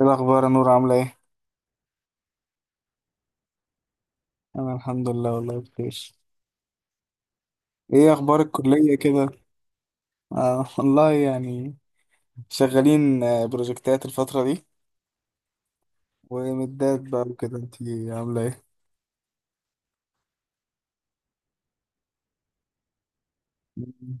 ايه الاخبار يا نور؟ عامله ايه؟ انا الحمد لله والله بخير. ايه اخبار الكليه كده؟ آه والله يعني شغالين، بروجكتات الفتره دي ومدات بقى وكده. انت عامله ايه؟ مم.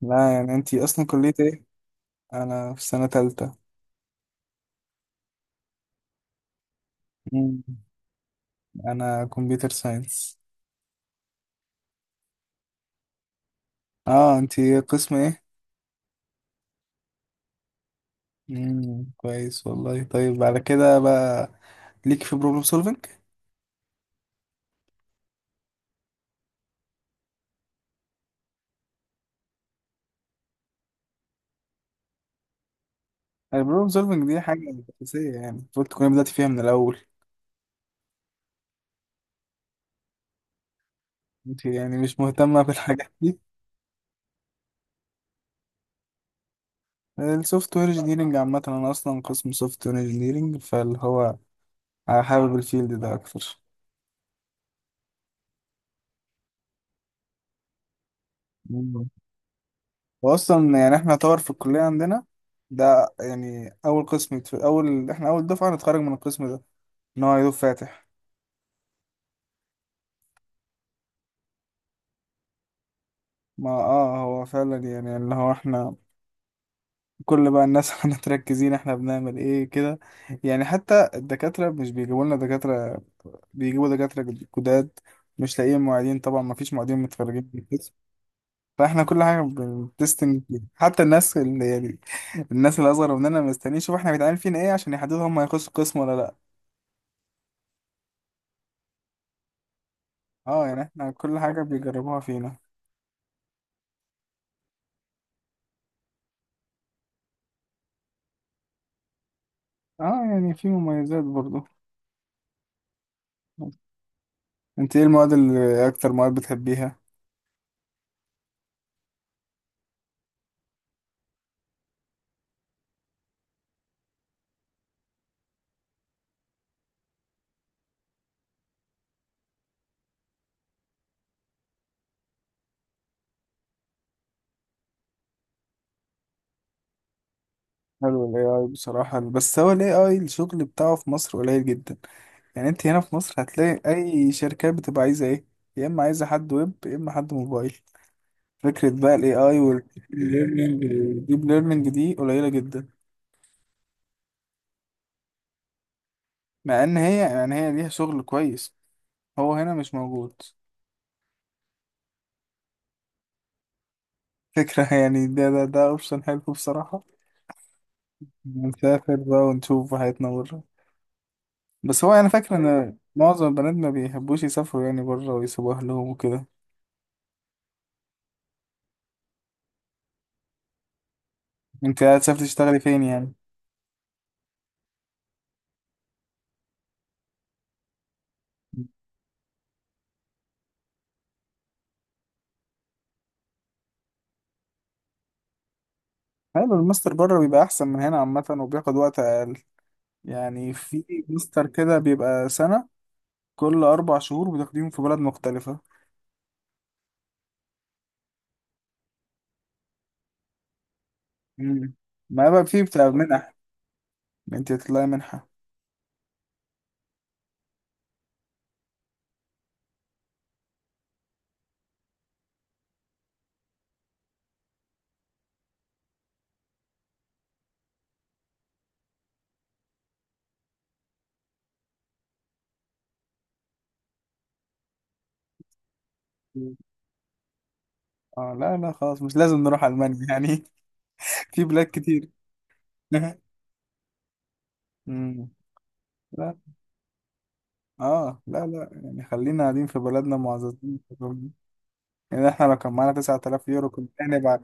لا يعني انت اصلا كليه ايه؟ انا في سنه تالتة. مم. انا كمبيوتر ساينس. اه، انت قسم ايه؟ مم. كويس والله. طيب على كده بقى ليك في بروبلم سولفنج؟ البروبلم سولفنج دي حاجه اساسيه، يعني المفروض تكوني بدأتي فيها من الاول. انت يعني مش مهتمة بالحاجات دي؟ السوفت وير انجينيرنج عامة، انا اصلا قسم سوفت وير انجينيرنج، فاللي هو حابب الفيلد ده اكتر. مم. واصلا يعني احنا طور في الكلية عندنا، ده يعني اول قسم اول احنا اول دفعة نتخرج من القسم ده، ان هو يدوب فاتح. ما اه هو فعلا يعني اللي هو احنا كل بقى الناس احنا متركزين، احنا بنعمل ايه كده. يعني حتى الدكاترة مش بيجيبوا لنا دكاترة، بيجيبوا دكاترة جداد. مش لاقيين معيدين طبعا، ما فيش معيدين متخرجين. فاحنا كل حاجه بتستنج فيها. حتى الناس اللي يعني الناس اللي اصغر مننا مستنيين يشوفوا احنا بيتعمل فينا ايه عشان يحددوا هم هيخشوا قسم ولا لا. اه يعني احنا كل حاجه بيجربوها فينا. اه يعني في مميزات برضو. انت ايه المواد اللي اكتر مواد بتحبيها؟ حلو الاي اي بصراحه، بس هو الاي اي الشغل بتاعه في مصر قليل جدا. يعني انت هنا في مصر هتلاقي اي شركات بتبقى عايزه ايه؟ يا اما عايزه حد ويب، يا اما حد موبايل. فكره بقى الاي اي والديب ليرنينج دي قليله جدا. مع ان هي يعني هي ليها شغل كويس، هو هنا مش موجود. فكرة يعني ده اوبشن حلو بصراحة. نسافر بقى ونشوف حياتنا بره. بس هو انا فاكر ان معظم البنات ما بيحبوش يسافروا يعني بره، ويسيبوا اهلهم وكده. انت قاعد تسافر تشتغلي فين يعني؟ حلو، الماستر بره بيبقى احسن من هنا عامة، وبياخد وقت اقل. يعني في ماستر كده بيبقى سنة، كل 4 شهور بتاخديهم في بلد مختلفة. مم. ما بقى في بتاع منح، انت تطلعي منحة. اه لا لا خلاص، مش لازم نروح ألمانيا يعني. في بلاد كتير. مم. لا اه لا لا يعني خلينا قاعدين في بلدنا، معززين في بلدنا. يعني احنا لو كان معانا 9000 يورو كنا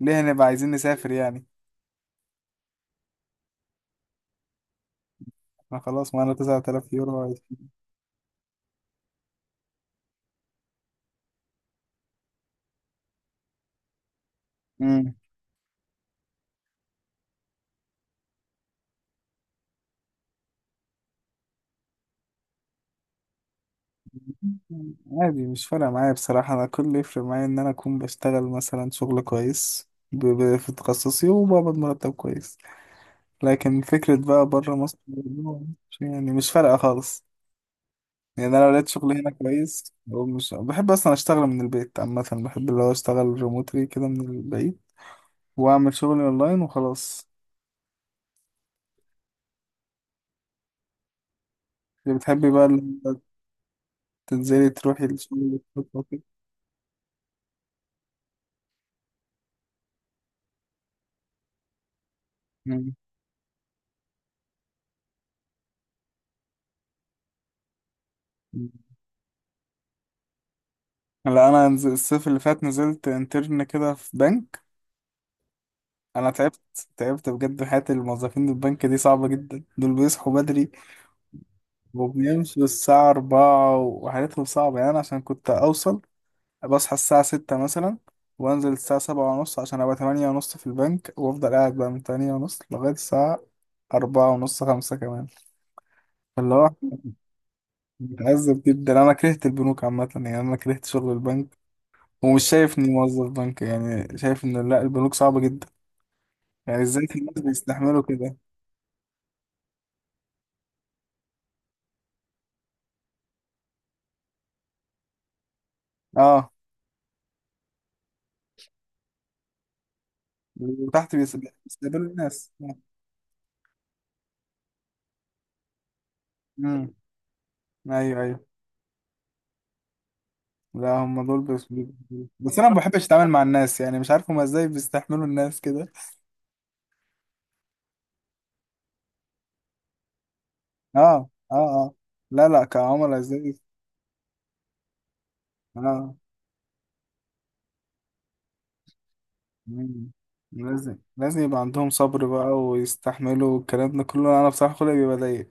ليه هنبقى عايزين نسافر يعني. احنا خلاص معانا 9000 يورو عايزين. مم. عادي، مش فارقة معايا بصراحة. أنا كل اللي يفرق معايا إن أنا أكون بشتغل مثلا شغل كويس في تخصصي وبقبض مرتب كويس، لكن فكرة بقى بره مصر يعني مش فارقة خالص. يعني انا لو لقيت شغل هنا كويس، هو مش بحب اصلا اشتغل من البيت عامه، بحب اللي هو اشتغل ريموتلي كده من البيت واعمل شغلي اونلاين وخلاص. اللي بتحبي بقى اللي انت تنزلي تروحي الشغل وتروحي وكده. مم. لا انا الصيف اللي فات نزلت انترن كده في بنك. انا تعبت بجد. حياة الموظفين البنك دي صعبة جدا، دول بيصحوا بدري وبيمشوا الساعة 4 وحياتهم صعبة. يعني أنا عشان كنت اوصل بصحى الساعة 6 مثلا، وأنزل الساعة 7:30 عشان أبقى 8:30 في البنك، وأفضل قاعد بقى من 8:30 لغاية الساعة 4:30 5 كمان. فاللي هو متعذب جدا. أنا كرهت البنوك عامة يعني، أنا كرهت شغل البنك، ومش شايف إني موظف بنك. يعني شايف إن لأ، البنوك صعبة جدا. يعني إزاي في ناس بيستحملوا كده؟ أه. وتحت بيس- بيستقبلوا الناس. امم، أيوه أيوه. لا هم دول بس أنا ما بحبش أتعامل مع الناس. يعني مش عارف هما إزاي بيستحملوا الناس كده. اه اه اه، لا لا كعملاء زي. اه. مم. لازم لازم يبقى عندهم صبر بقى ويستحملوا الكلام ده كله. انا بصراحة خلقي بيبقى ضيق.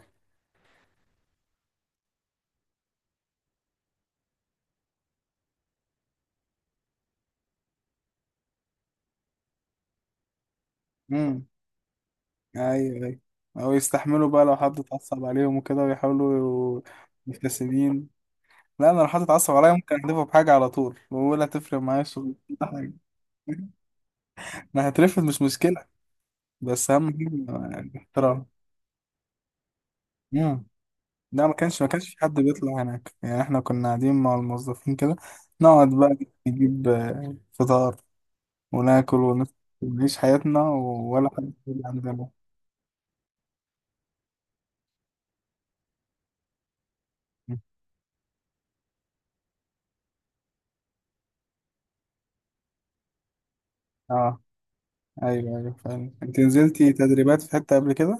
امم، ايوه ايوه. او يستحملوا بقى لو حد اتعصب عليهم وكده، ويحاولوا مبتسمين. لا انا لو حد اتعصب عليا ممكن احدفه بحاجة على طول، ولا تفرق معايا الشغل ولا حاجة. انا هترفض مش مشكلة، بس اهم حاجة الاحترام. مم. لا ما كانش في حد بيطلع هناك يعني، احنا كنا قاعدين مع الموظفين كده، نقعد بقى نجيب فطار وناكل ونعيش حياتنا ولا حد يجي عندنا. اه ايوه ايوه. فعلا انت نزلتي تدريبات في حتة قبل كده؟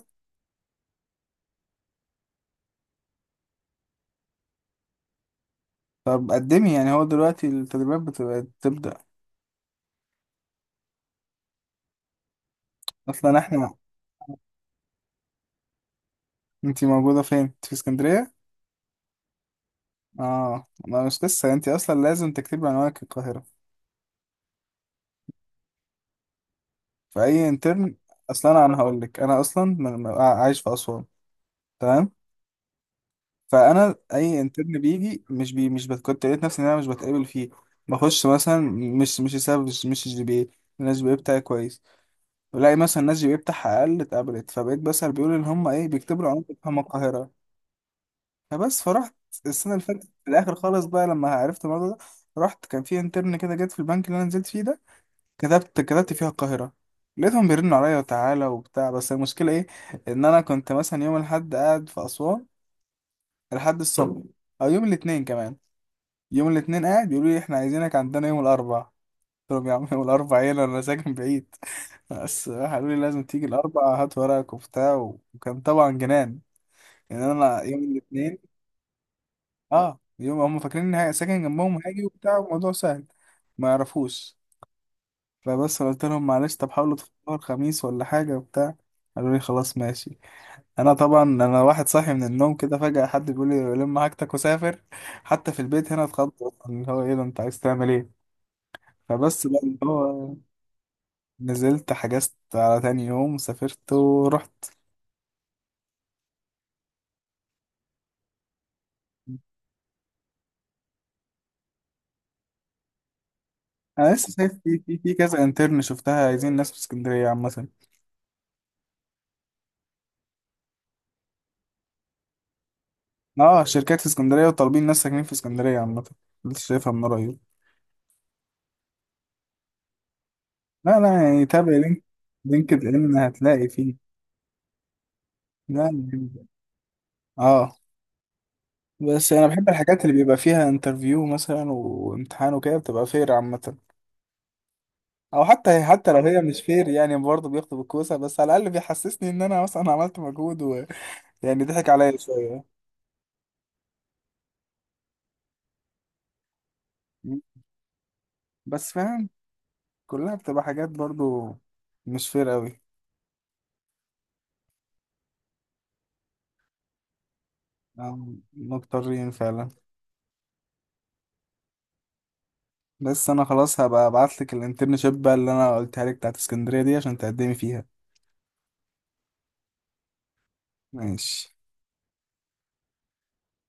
طب قدمي. يعني هو دلوقتي التدريبات بتبقى تبدأ. اصلا احنا، انت موجودة فين؟ انت في اسكندرية؟ اه ما مش لسه انت اصلا لازم تكتبي عنوانك القاهرة في اي انترن. اصلا انا هقول لك، انا اصلا عايش في اسوان. تمام؟ فانا اي انترن بيجي مش بي، مش كنت لقيت نفسي ان انا مش بتقابل فيه. بخش مثلا، مش سبب، مش جي بي اي، انا الجي بي اي بتاعي كويس. بلاقي مثلا الناس جي بي اي بتاعها اقل اتقبلت، فبقيت بسأل. بيقولوا ان هم ايه بيكتبوا العنوان بتاعهم القاهرة. فبس فرحت السنة اللي فاتت في الاخر خالص بقى لما عرفت الموضوع ده. رحت، كان في انترن كده جت في البنك اللي انا نزلت فيه ده، كتبت فيها القاهرة، لقيتهم بيرنوا عليا وتعالى وبتاع. بس المشكلة ايه، ان انا كنت مثلا يوم الاحد قاعد في اسوان لحد الصبح، او يوم الاثنين كمان. يوم الاثنين قاعد بيقولوا لي احنا عايزينك عندنا يوم الاربعاء. قلت لهم يا عم يوم الاربعاء ايه، أنا ساكن بعيد. بس قالوا لي لازم تيجي الاربعاء هات ورقك وبتاع وكان طبعا جنان. يعني انا يوم الاثنين. اه، يوم هم فاكرين اني ساكن جنبهم، هاجي وبتاع، الموضوع سهل، ما يعرفوش. فبس قلت لهم معلش طب حاولوا تفطروا الخميس ولا حاجه وبتاع. قالوا لي خلاص ماشي. انا طبعا انا واحد صاحي من النوم كده فجأة حد بيقول لي لم حاجتك وسافر. حتى في البيت هنا اتخض، اللي هو ايه ده انت عايز تعمل ايه. فبس بقى اللي هو نزلت حجزت على تاني يوم سافرت ورحت. انا لسه شايف في كذا انترن شفتها عايزين ناس في اسكندريه عامه. اه شركات في اسكندريه وطالبين ناس ساكنين في اسكندريه عامه، لسه شايفها من قريب. لا لا يعني تابع لينك، لينكد ان هتلاقي فيه. لا يعني- اه. بس انا بحب الحاجات اللي بيبقى فيها انترفيو مثلا وامتحان وكده، بتبقى فير عامه. او حتى لو هي مش فير يعني برضه بياخدوا بالكوسه، بس على الاقل بيحسسني ان انا مثلا عملت مجهود. يعني ضحك عليا شوية. مم. بس فاهم كلها بتبقى حاجات برضو مش فير قوي. آه، مضطرين فعلا. بس انا خلاص هبقى ابعت لك الانترنشيب بقى اللي انا قلتها لك بتاعت اسكندرية دي عشان تقدمي فيها. ماشي.